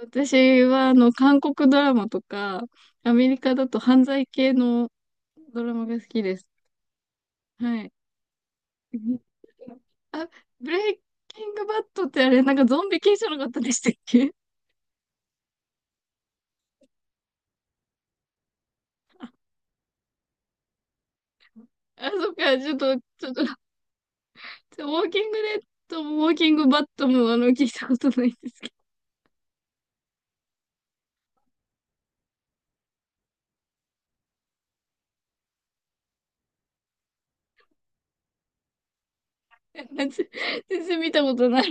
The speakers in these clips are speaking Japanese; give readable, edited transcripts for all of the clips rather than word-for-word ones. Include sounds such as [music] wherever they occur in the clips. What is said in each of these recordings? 私は、韓国ドラマとか、アメリカだと犯罪系のドラマが好きです。はい。あ、ブレイキングバットってあれ、なんかゾンビ系じゃなかったでしたっけ？ [laughs] あ、そっか、ちょっと、ウォーキングデッドもウォーキングバットも、聞いたことないんですけど。[laughs] 私全然見たことない。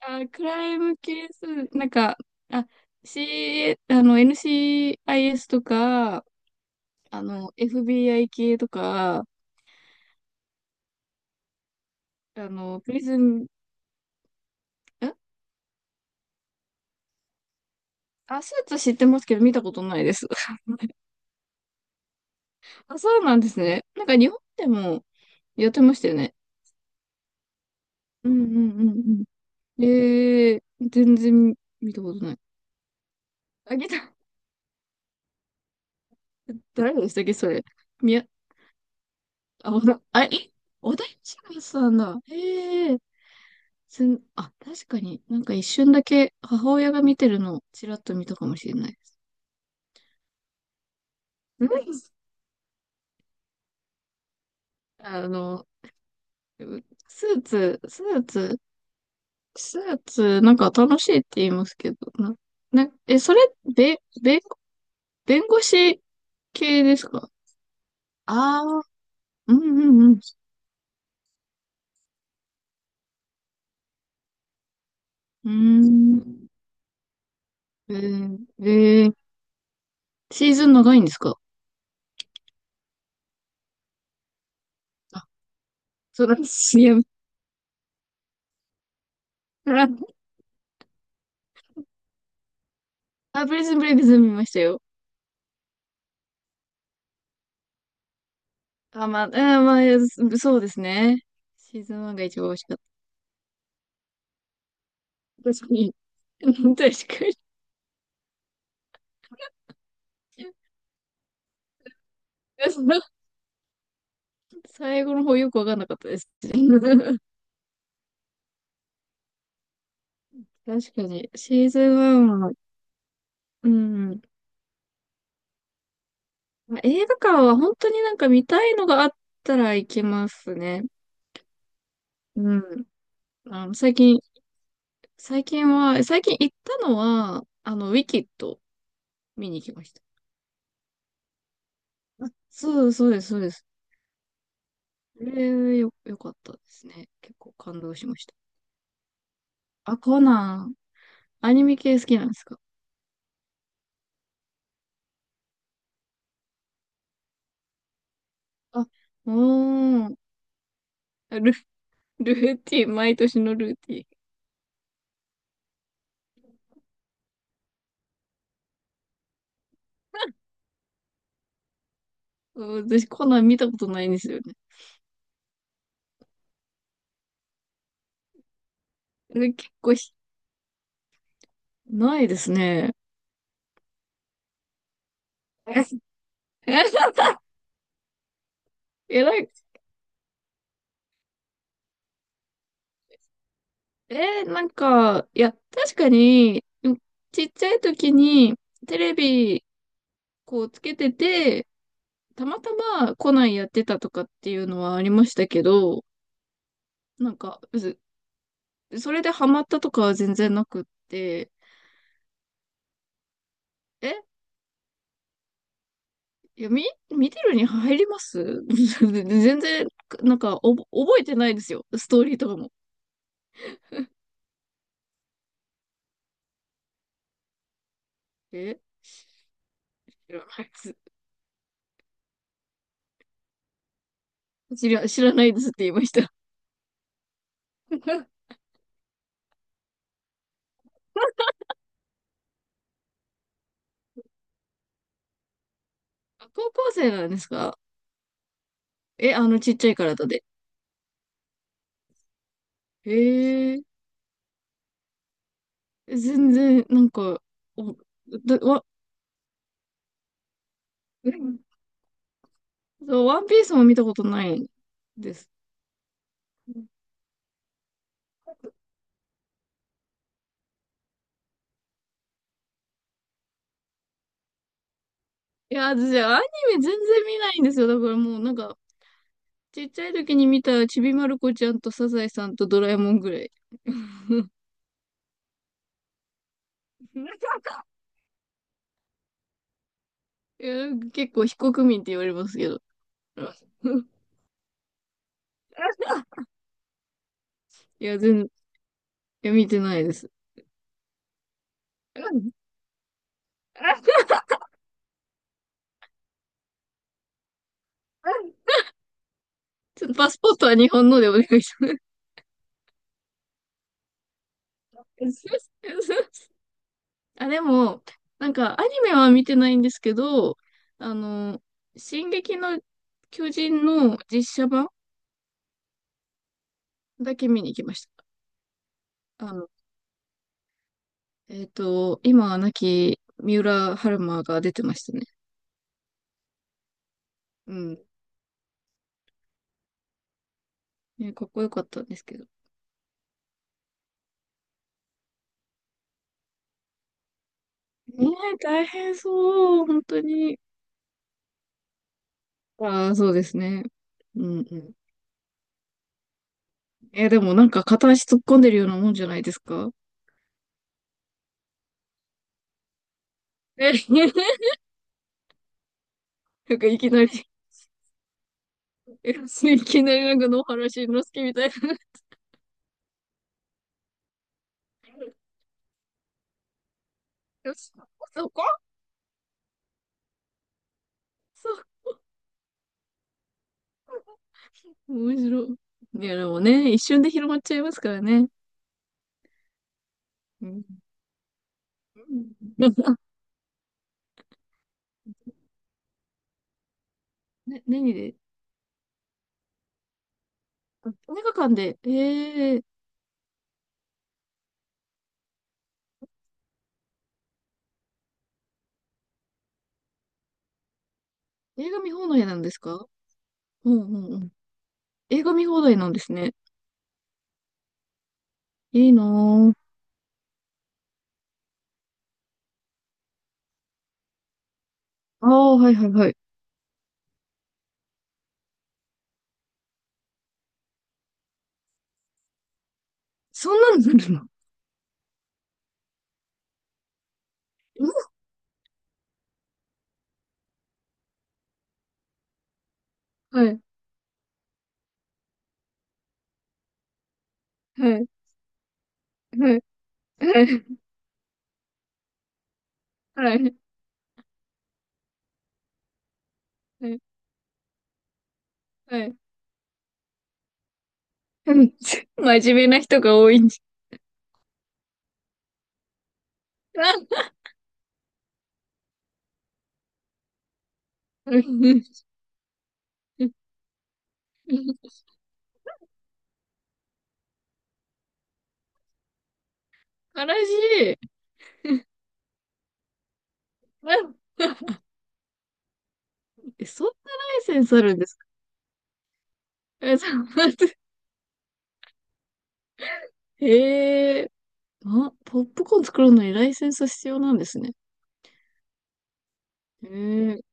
あ、クライムケース、なんか、あ、C、あの、NCIS とか、FBI 系とか、あの、プリズン、んあ、スーツ知ってますけど見たことないです。[laughs] あ、そうなんですね。なんか日本でもやってましたよね。うんうんうんうん。全然見たことない。あげた、[laughs] 誰でしたっけ、それ。みや、あ、おだ、あ、え、小田切さんだ。ええー、すん、あ、確かになんか一瞬だけ母親が見てるのをちらっと見たかもしれないです。うん。あの、スーツ、スーツ、スーツ、なんか楽しいって言いますけど、な、な、え、それ、べ、べ、弁護士系ですか？ああー、うんうんうん。うーん。ー、えーシーズン長いんですか？あ、そうなんです。いや、あ、プリズンブレイクズン見ましたよ。あ、まあ、まあ、そうですね。シーズン1が一番美味しかった。確かに。[laughs] 確かに。最後の方よくわかんなかったです。[laughs] 確かに。シーズン1は、うん。まあ映画館は本当になんか見たいのがあったら行きますね。うん。あの、最近、最近行ったのは、ウィキッド見に行きました。そうそうです、そうです。これ、よかったですね。結構感動しました。あ、コナン、アニメ系好きなんですか？あ、おー、ル、ルーティン、毎年のルーティン。うん、私、コナン見たことないんですよね。結構ないですね。え [laughs] えらい、えーなんか、いや、確かに、うん、ちっちゃい時にテレビこうつけてて、たまたまコナンやってたとかっていうのはありましたけど、なんか、ずそれでハマったとかは全然なくって、え、いや、見てるに入ります。 [laughs] 全然、なんか、覚えてないですよ。ストーリーとかも。え、知らないです。知らないですって言いました。[laughs] 高校生なんですか？え、あのちっちゃい体で。へ全然、なんか、お、だ、わ、うん、そう、ワンピースも見たことないです。うん、いや、私、アニメ全然見ないんですよ。だからもう、なんか、ちっちゃい時に見たちびまる子ちゃんとサザエさんとドラえもんぐらい。[laughs] いや、結構非国民って言われますけど。[laughs] いや、見てないです。うん、ちょっとパスポートは日本のでお願いします。[laughs] あ、でも、なんか、アニメは見てないんですけど、あの、進撃の巨人の実写版だけ見に行きました。今は亡き三浦春馬が出てましたね。うん。ね、かっこよかったんですけど。ねえ、大変そう、本当に。ああ、そうですね。うんうん。でもなんか片足突っ込んでるようなもんじゃないですか？え、[laughs] なんか、いきなり、えいきなり、なんか野原しんのすけみたいな。[laughs] そこそう、面白い。いや、でもね、一瞬で広まっちゃいますからね。うん。[laughs] ね、何で？あ、映画館で、ー、映画見放題なんですか？うんうんうん。映画見放題なんですね。いいなぁ。ああ、はいはいはい。そんなのなるの？うん、はい、はい、はい、はい、はい、はい、はい。うん、真面目な人が多いんじゃ。あ、うん、悲しい。あ、そんなライセンスあるんですか？そう、ええ。あ、ポップコーン作るのにライセンス必要なんですね。ええ、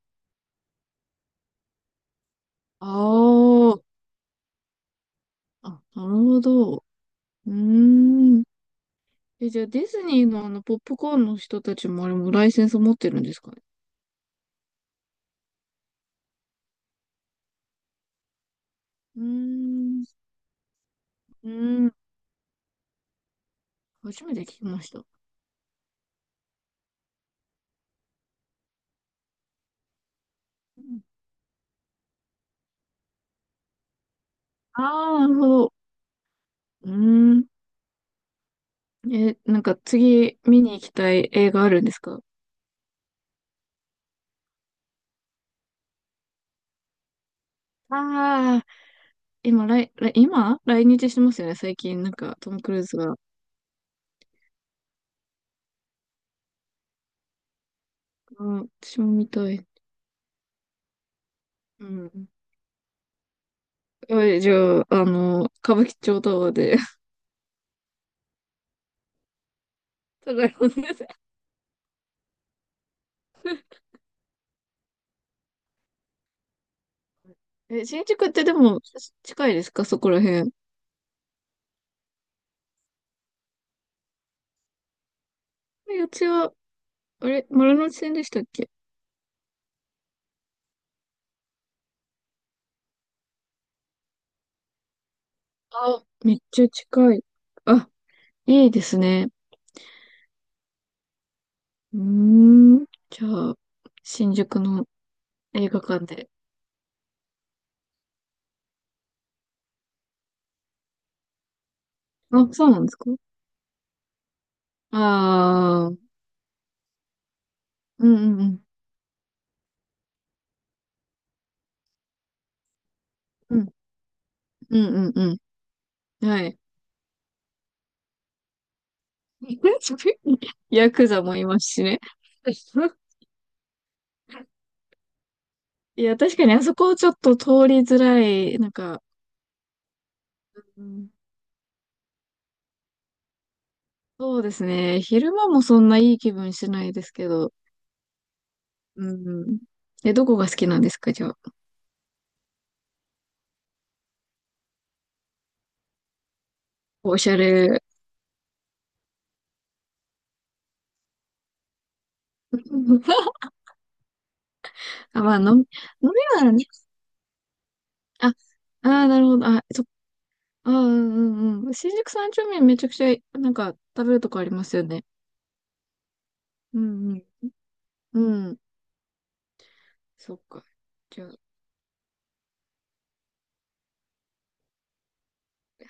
ああ、あ、なるほど。うーん。じゃあディズニーのポップコーンの人たちもあれもライセンス持ってるんですかね。うーん、うーん、初めて聞きました。ああー、なるほど。うーん。え、なんか次見に行きたい映画あるんですか？ああー、今来日してますよね、最近。なんかトム・クルーズが。うん、私も見たい。うん。じゃあ、歌舞伎町タワーで。[laughs] 互いもんです。新宿ってでも、近いですかそこら辺？四谷は、あれ丸ノ内線でしたっけ？あ、めっちゃ近い。あ、いいですね。うーん。じゃあ、新宿の映画館で。あ、そうなんですか？ああー、うんうんうん。うん、うんうんうん。はい。[laughs] ヤクザもいますしね。[laughs] いや、確かにあそこちょっと通りづらい。なんか、うん。そうですね。昼間もそんないい気分しないですけど。うん。え、どこが好きなんですか、じゃあ？おしゃれ。[laughs] あ、まあ、飲みはね。あ、ああ、なるほど。あ、そ、あー、うんうんうん。新宿三丁目めちゃくちゃ、なんか、食べるとこありますよね。うんうん。うん。そっか。じゃあ、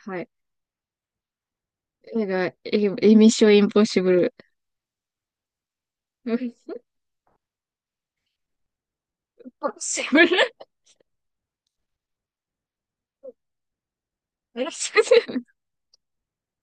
はい。映画、エミッションインポッシブル。[laughs] インポッシブル。[laughs]